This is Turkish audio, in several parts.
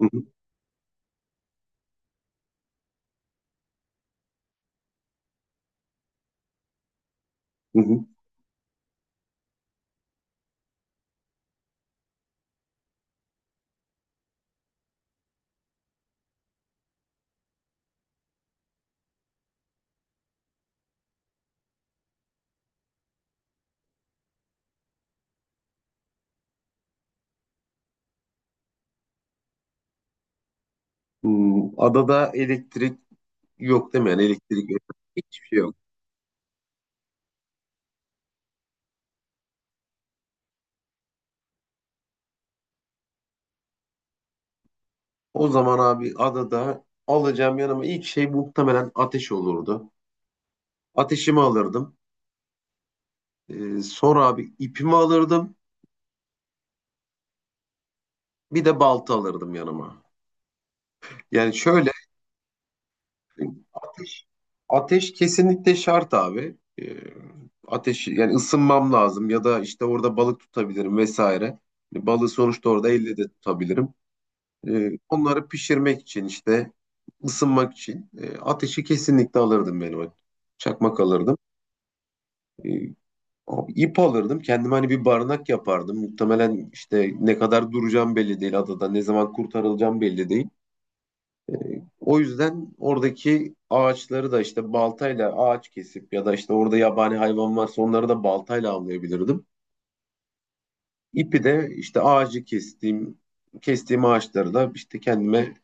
Hı hı, hı hı. Hmm, adada elektrik yok değil mi? Yani elektrik yok. Hiçbir şey yok. O zaman abi adada alacağım yanıma ilk şey muhtemelen ateş olurdu. Ateşimi alırdım. Sonra abi ipimi alırdım. Bir de balta alırdım yanıma. Yani şöyle ateş, ateş kesinlikle şart abi. Ateş yani ısınmam lazım ya da işte orada balık tutabilirim vesaire. Balığı sonuçta orada elle de tutabilirim. Onları pişirmek için işte ısınmak için ateşi kesinlikle alırdım benim. Çakmak alırdım. E, Abi ip alırdım. Kendime hani bir barınak yapardım. Muhtemelen işte ne kadar duracağım belli değil adada. Ne zaman kurtarılacağım belli değil. E, O yüzden oradaki ağaçları da işte baltayla ağaç kesip ya da işte orada yabani hayvan varsa onları da baltayla avlayabilirdim. İpi de işte kestiğim ağaçlarla işte kendime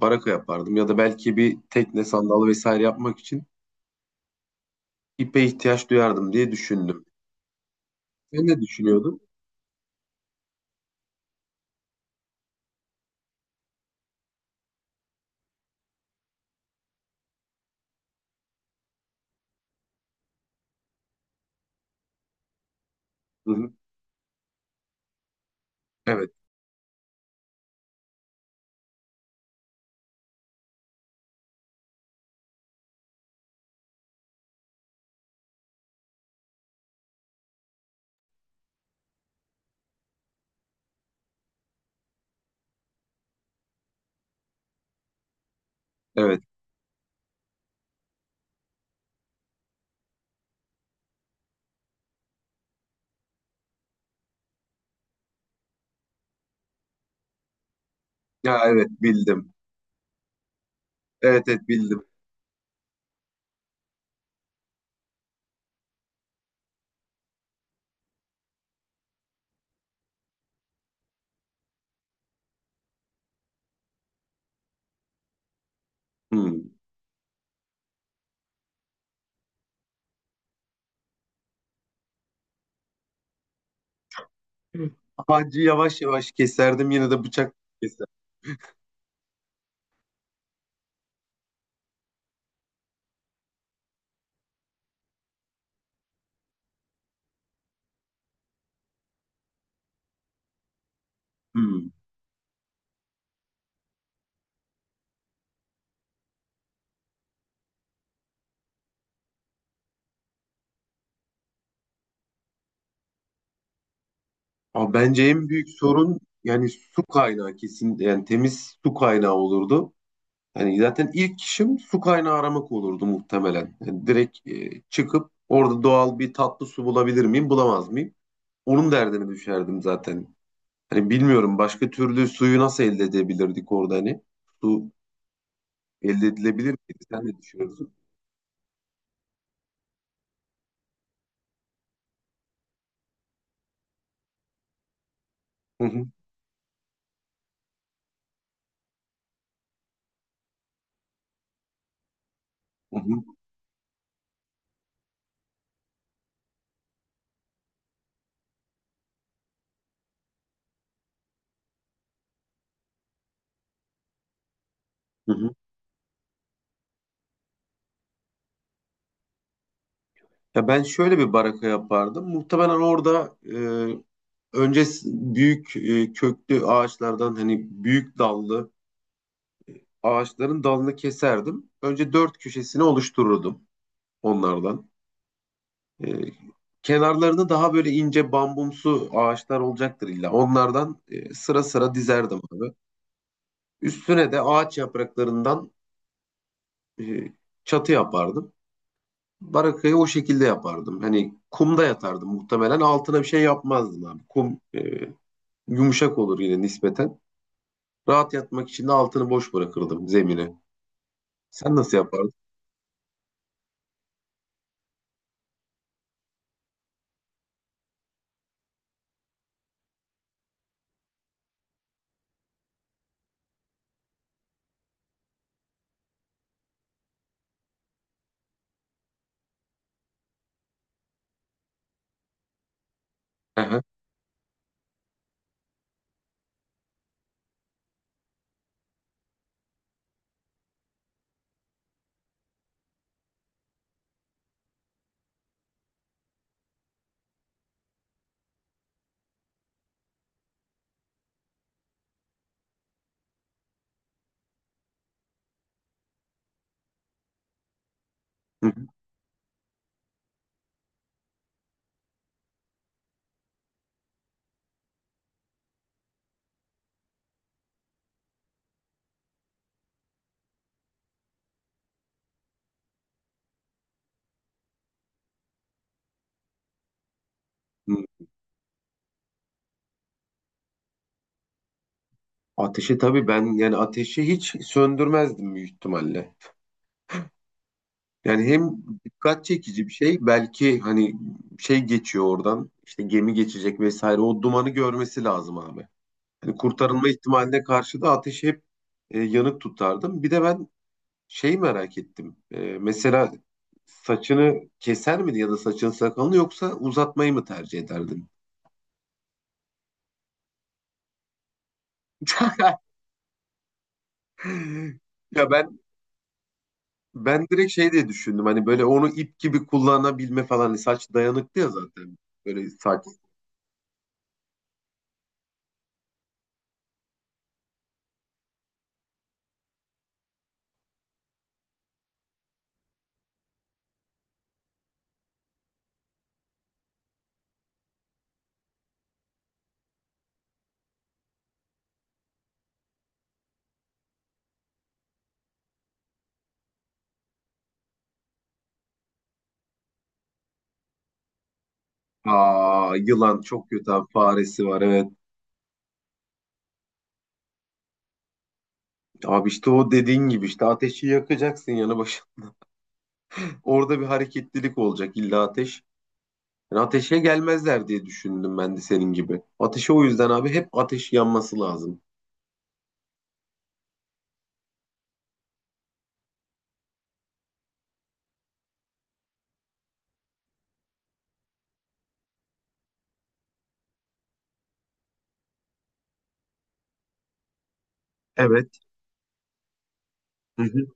baraka yapardım. Ya da belki bir tekne, sandal vesaire yapmak için ipe ihtiyaç duyardım diye düşündüm. Sen ne düşünüyordun? Hı hı. Evet, evet. Ya evet bildim. Evet, evet bildim. Hmm. Ağacı yavaş yavaş keserdim yine de bıçak keserdim. Hmm. Ama bence en büyük sorun yani su kaynağı kesin yani temiz su kaynağı olurdu. Hani zaten ilk işim su kaynağı aramak olurdu muhtemelen. Yani direkt çıkıp orada doğal bir tatlı su bulabilir miyim, bulamaz mıyım? Onun derdine düşerdim zaten. Hani bilmiyorum başka türlü suyu nasıl elde edebilirdik orada hani? Su elde edilebilir miydi? Sen ne düşünüyorsun? Hı hı, hı hı, hı hı. Ya ben şöyle bir baraka yapardım. Muhtemelen orada önce büyük köklü ağaçlardan hani büyük dallı ağaçların dalını keserdim. Önce dört köşesini oluştururdum onlardan. E, Kenarlarını daha böyle ince bambumsu ağaçlar olacaktır illa. Onlardan sıra sıra dizerdim abi. Üstüne de ağaç yapraklarından e, çatı yapardım. Barakayı o şekilde yapardım. Hani kumda yatardım muhtemelen. Altına bir şey yapmazdım abi. Kum yumuşak olur yine nispeten. Rahat yatmak için de altını boş bırakırdım zemine. Sen nasıl yapardın? Aha. Hı hı. Hı. Ateşi tabii ben yani ateşi hiç söndürmezdim büyük ihtimalle. Yani hem dikkat çekici bir şey belki hani şey geçiyor oradan işte gemi geçecek vesaire o dumanı görmesi lazım abi. Hani kurtarılma ihtimaline karşı da ateşi hep yanık tutardım. Bir de ben şey merak ettim. Mesela saçını keser miydin ya da saçın sakalını yoksa uzatmayı mı tercih ederdin? Ya ben direkt şey diye düşündüm hani böyle onu ip gibi kullanabilme falan. Hani saç dayanıklı ya zaten, böyle saç. Aa, yılan çok kötü abi. Faresi var evet. Abi işte o dediğin gibi işte ateşi yakacaksın yanı başında. Orada bir hareketlilik olacak illa ateş. Yani ateşe gelmezler diye düşündüm ben de senin gibi. Ateşe o yüzden abi hep ateş yanması lazım. Evet. Hı hı.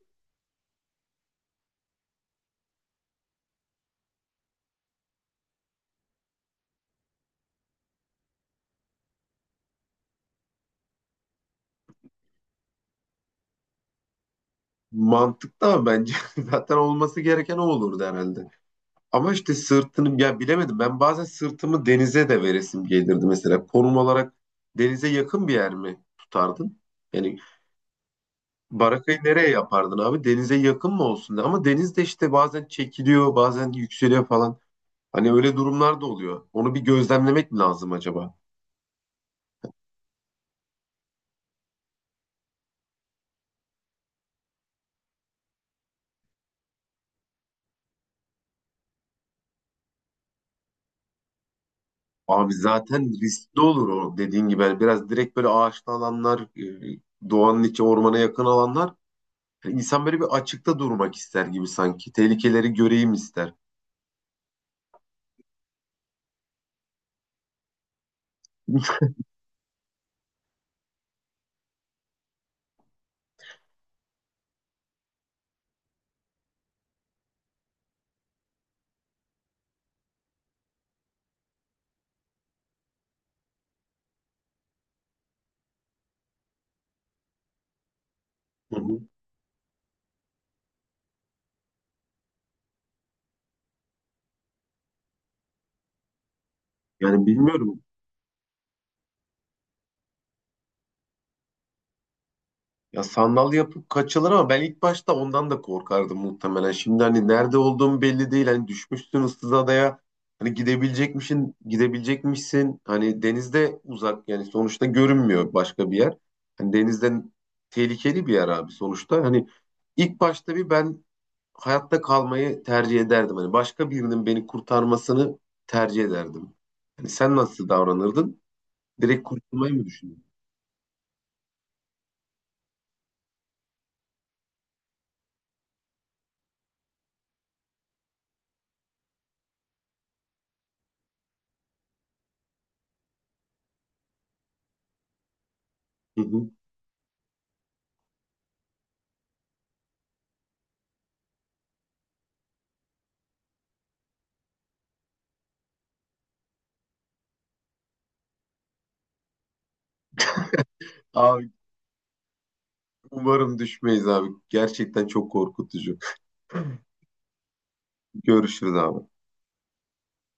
Mantıklı ama bence zaten olması gereken o olurdu herhalde. Ama işte sırtını ya bilemedim. Ben bazen sırtımı denize de veresim gelirdi mesela. Konum olarak denize yakın bir yer mi tutardın? Yani Barakayı nereye yapardın abi? Denize yakın mı olsun? Ama deniz de işte bazen çekiliyor, bazen yükseliyor falan. Hani öyle durumlar da oluyor. Onu bir gözlemlemek mi lazım acaba? Abi zaten riskli olur o dediğin gibi. Yani biraz direkt böyle ağaçlı alanlar, doğanın içi ormana yakın alanlar. Yani İnsan böyle bir açıkta durmak ister gibi sanki. Tehlikeleri göreyim ister. Hı hı. Yani bilmiyorum. Ya sandal yapıp kaçılır ama ben ilk başta ondan da korkardım muhtemelen. Şimdi hani nerede olduğum belli değil. Hani düşmüşsün ıssız adaya. Hani gidebilecekmişsin, gidebilecekmişsin. Hani denizde uzak yani sonuçta görünmüyor başka bir yer. Hani denizden tehlikeli bir yer abi sonuçta. Hani ilk başta bir ben hayatta kalmayı tercih ederdim. Hani başka birinin beni kurtarmasını tercih ederdim. Hani sen nasıl davranırdın? Direkt kurtulmayı mı düşündün? Hı hı. Abi umarım düşmeyiz abi. Gerçekten çok korkutucu. Görüşürüz abi.